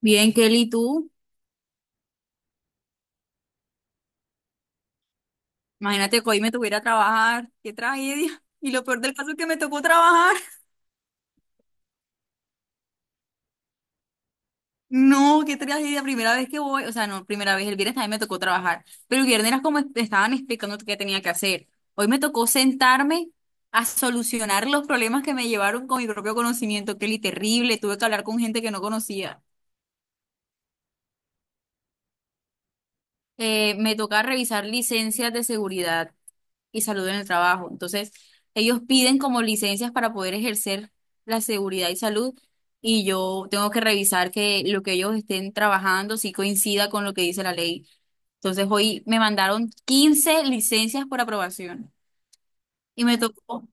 Bien, Kelly, tú, imagínate que hoy me tuviera a trabajar, qué tragedia. Y lo peor del caso es que me tocó trabajar. No, qué tragedia, primera vez que voy, o sea, no, primera vez, el viernes también me tocó trabajar, pero el viernes era como estaban explicando qué tenía que hacer. Hoy me tocó sentarme a solucionar los problemas que me llevaron con mi propio conocimiento, Kelly, terrible, tuve que hablar con gente que no conocía. Me toca revisar licencias de seguridad y salud en el trabajo. Entonces, ellos piden como licencias para poder ejercer la seguridad y salud, y yo tengo que revisar que lo que ellos estén trabajando sí coincida con lo que dice la ley. Entonces, hoy me mandaron 15 licencias por aprobación y me tocó.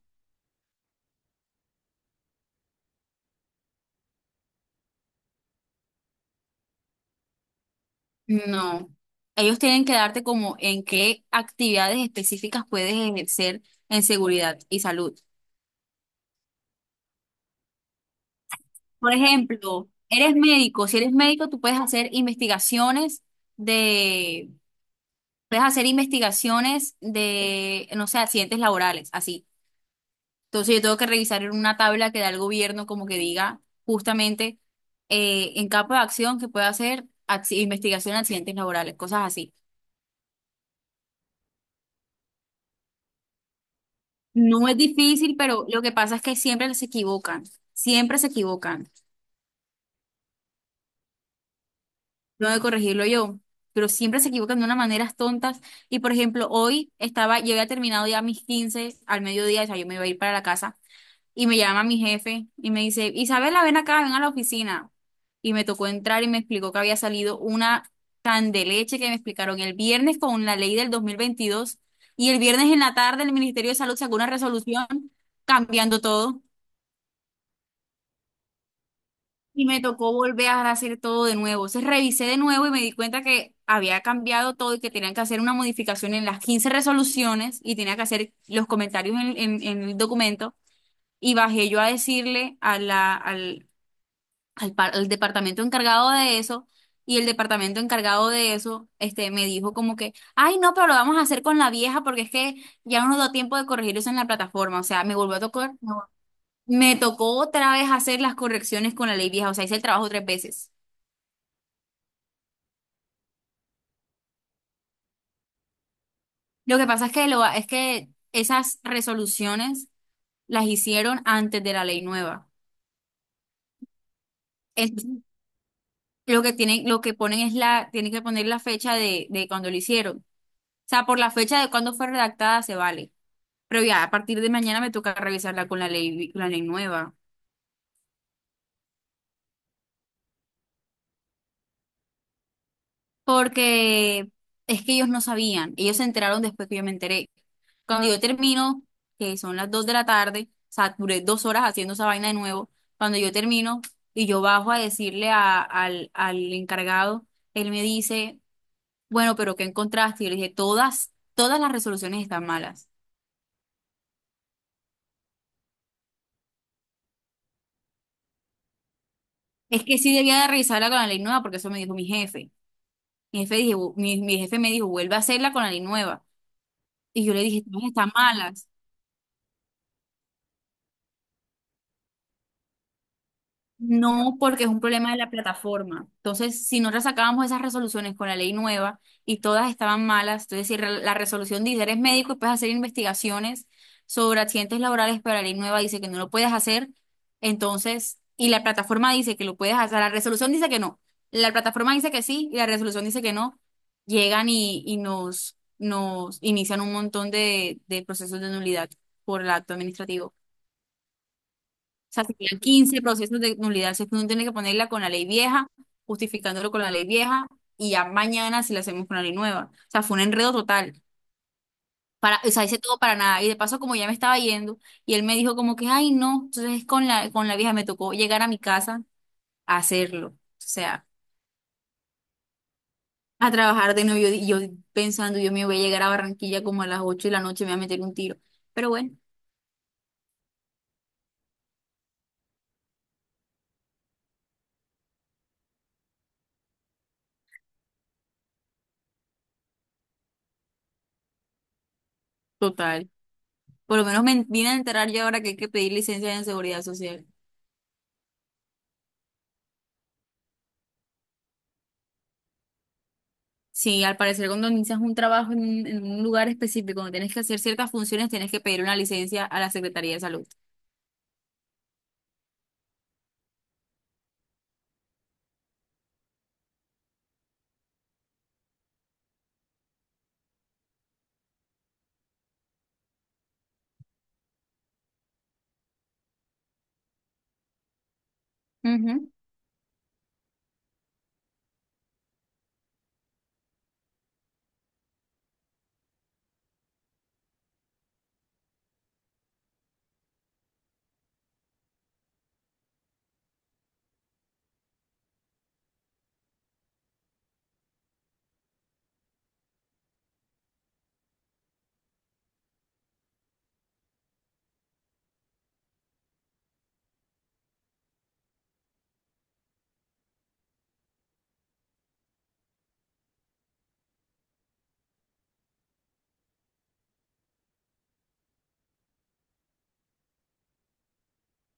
No, ellos tienen que darte como en qué actividades específicas puedes ejercer en seguridad y salud. Por ejemplo, eres médico. Si eres médico, tú puedes hacer investigaciones de es hacer investigaciones de, no sé, accidentes laborales, así. Entonces yo tengo que revisar en una tabla que da el gobierno como que diga justamente, en campo de acción que puede hacer investigación de accidentes laborales, cosas así. No es difícil, pero lo que pasa es que siempre se equivocan, siempre se equivocan. No de corregirlo yo, pero siempre se equivocan de unas maneras tontas. Y por ejemplo, hoy estaba, yo había terminado ya mis 15 al mediodía, o sea, yo me iba a ir para la casa. Y me llama mi jefe y me dice, Isabela, ven acá, ven a la oficina. Y me tocó entrar y me explicó que había salido una candeleche que me explicaron el viernes con la ley del 2022, y el viernes en la tarde el Ministerio de Salud sacó una resolución cambiando todo, y me tocó volver a hacer todo de nuevo. Entonces revisé de nuevo y me di cuenta que había cambiado todo y que tenían que hacer una modificación en las 15 resoluciones y tenía que hacer los comentarios en el documento, y bajé yo a decirle a la, al, al, par- al departamento encargado de eso. Y el departamento encargado de eso, este, me dijo como que, ay, no, pero lo vamos a hacer con la vieja porque es que ya no nos dio tiempo de corregir eso en la plataforma. O sea, me volvió a tocar, me tocó otra vez hacer las correcciones con la ley vieja, o sea, hice el trabajo tres veces. Lo que pasa es que, es que esas resoluciones las hicieron antes de la ley nueva. Entonces, lo que tienen, lo que ponen es la, tienen que poner la fecha de cuando lo hicieron. O sea, por la fecha de cuando fue redactada se vale. Pero ya, a partir de mañana me toca revisarla con la ley, con la ley nueva. Porque es que ellos no sabían. Ellos se enteraron después que yo me enteré. Cuando yo termino, que son las 2:00 de la tarde, o sea, duré 2 horas haciendo esa vaina de nuevo. Cuando yo termino y yo bajo a decirle al encargado, él me dice, bueno, pero ¿qué encontraste? Y yo le dije, todas, todas las resoluciones están malas. Es que sí debía de revisarla con la ley nueva, porque eso me dijo mi jefe. Mi jefe, dije, mi jefe me dijo, vuelve a hacerla con la ley nueva. Y yo le dije, no, están malas. No, porque es un problema de la plataforma. Entonces, si nosotros sacábamos esas resoluciones con la ley nueva y todas estaban malas, entonces si la resolución dice, eres médico y puedes hacer investigaciones sobre accidentes laborales, pero la ley nueva dice que no lo puedes hacer, entonces, y la plataforma dice que lo puedes hacer, la resolución dice que no, la plataforma dice que sí y la resolución dice que no, llegan y nos inician un montón de procesos de nulidad por el acto administrativo. O sea, serían 15 procesos de nulidad. Si es que uno tiene que ponerla con la ley vieja, justificándolo con la ley vieja, y ya mañana si la hacemos con la ley nueva. O sea, fue un enredo total. Para, o sea, hice todo para nada. Y de paso, como ya me estaba yendo, y él me dijo como que, ay, no, entonces con con la vieja me tocó llegar a mi casa a hacerlo. O sea, a trabajar de nuevo. Y yo pensando, yo me voy a llegar a Barranquilla como a las 8:00 de la noche, me voy a meter un tiro. Pero bueno, total. Por lo menos me vine a enterar yo ahora que hay que pedir licencia en seguridad social. Sí, al parecer cuando inicias un trabajo en un lugar específico, cuando tienes que hacer ciertas funciones, tienes que pedir una licencia a la Secretaría de Salud. Ujú.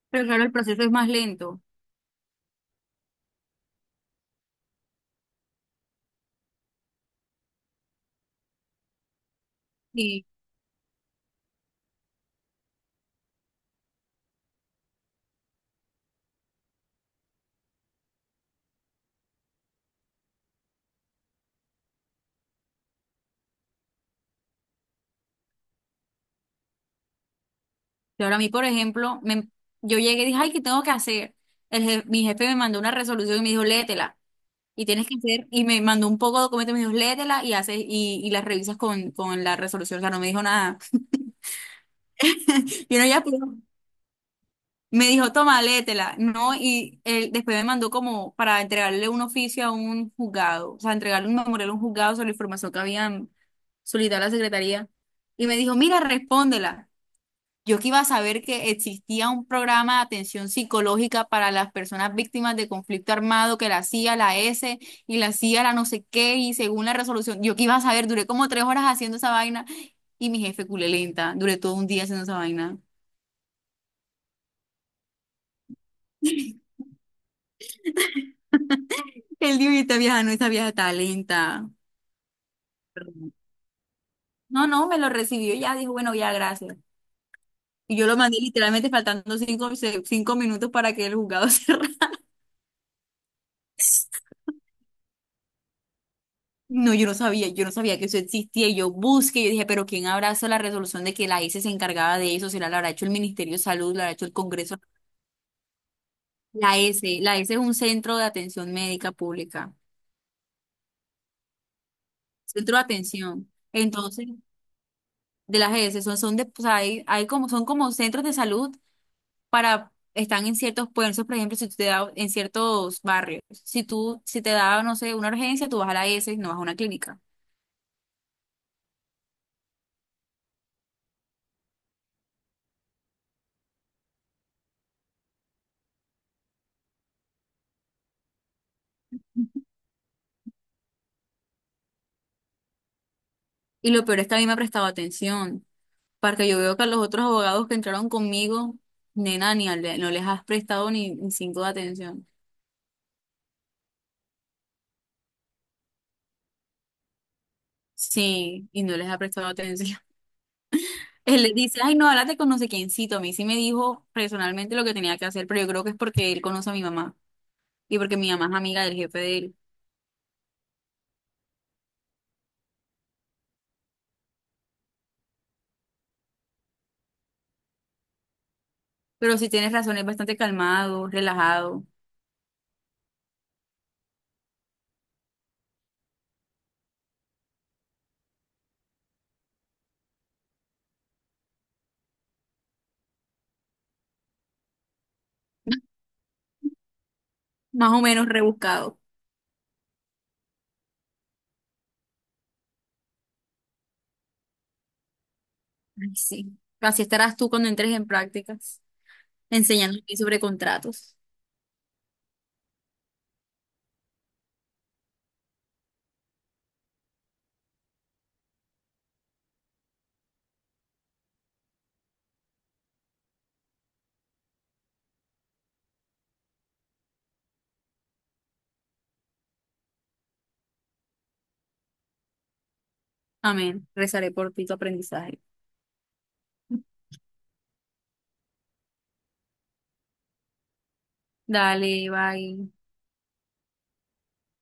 Pero claro, el proceso es más lento. Sí. Y ahora a mí, por ejemplo, yo llegué y dije, ay, ¿qué tengo que hacer? Mi jefe me mandó una resolución y me dijo, léetela. Y tienes que hacer, y me mandó un poco de documentos y me dijo, léetela y haces, y las revisas con la resolución. O sea, no me dijo nada. Y no ya, me dijo, toma, léetela, ¿no? Y él después me mandó como para entregarle un oficio a un juzgado, o sea, entregarle un memorial a un juzgado sobre la información que habían solicitado a la secretaría. Y me dijo, mira, respóndela. Yo que iba a saber que existía un programa de atención psicológica para las personas víctimas de conflicto armado que la hacía la S y la hacía la no sé qué, y según la resolución, yo que iba a saber, duré como 3 horas haciendo esa vaina y mi jefe culé lenta, duré todo un día haciendo esa vaina. Él dijo, y esta vieja no, esta vieja está lenta. Perdón. No, no, me lo recibió y ya, dijo, bueno, ya, gracias. Y yo lo mandé literalmente faltando cinco, 5 minutos para que el juzgado cerrara. No, yo no sabía que eso existía. Y yo busqué, yo dije, pero ¿quién habrá hecho la resolución de que la S se encargaba de eso? ¿Si la habrá hecho el Ministerio de Salud, la habrá hecho el Congreso? La S es un centro de atención médica pública, centro de atención. Entonces, de las S, son de, o sea, hay como, son como centros de salud para, están en ciertos puestos. Por ejemplo, si tú te da en ciertos barrios, si tú, si te da, no sé, una urgencia, tú vas a la S y no vas a una clínica. Y lo peor es que a mí me ha prestado atención, porque yo veo que a los otros abogados que entraron conmigo, nena, ni al- no les has prestado ni cinco de atención. Sí, y no les ha prestado atención. Él le dice, ay, no, háblate con no sé quiéncito. A mí sí me dijo personalmente lo que tenía que hacer, pero yo creo que es porque él conoce a mi mamá y porque mi mamá es amiga del jefe de él. Pero sí tienes razón, es bastante calmado, relajado. Más o menos rebuscado. Ay, sí. Así estarás tú cuando entres en prácticas, enseñando aquí sobre contratos. Amén. Rezaré por ti tu aprendizaje. Dale, bye.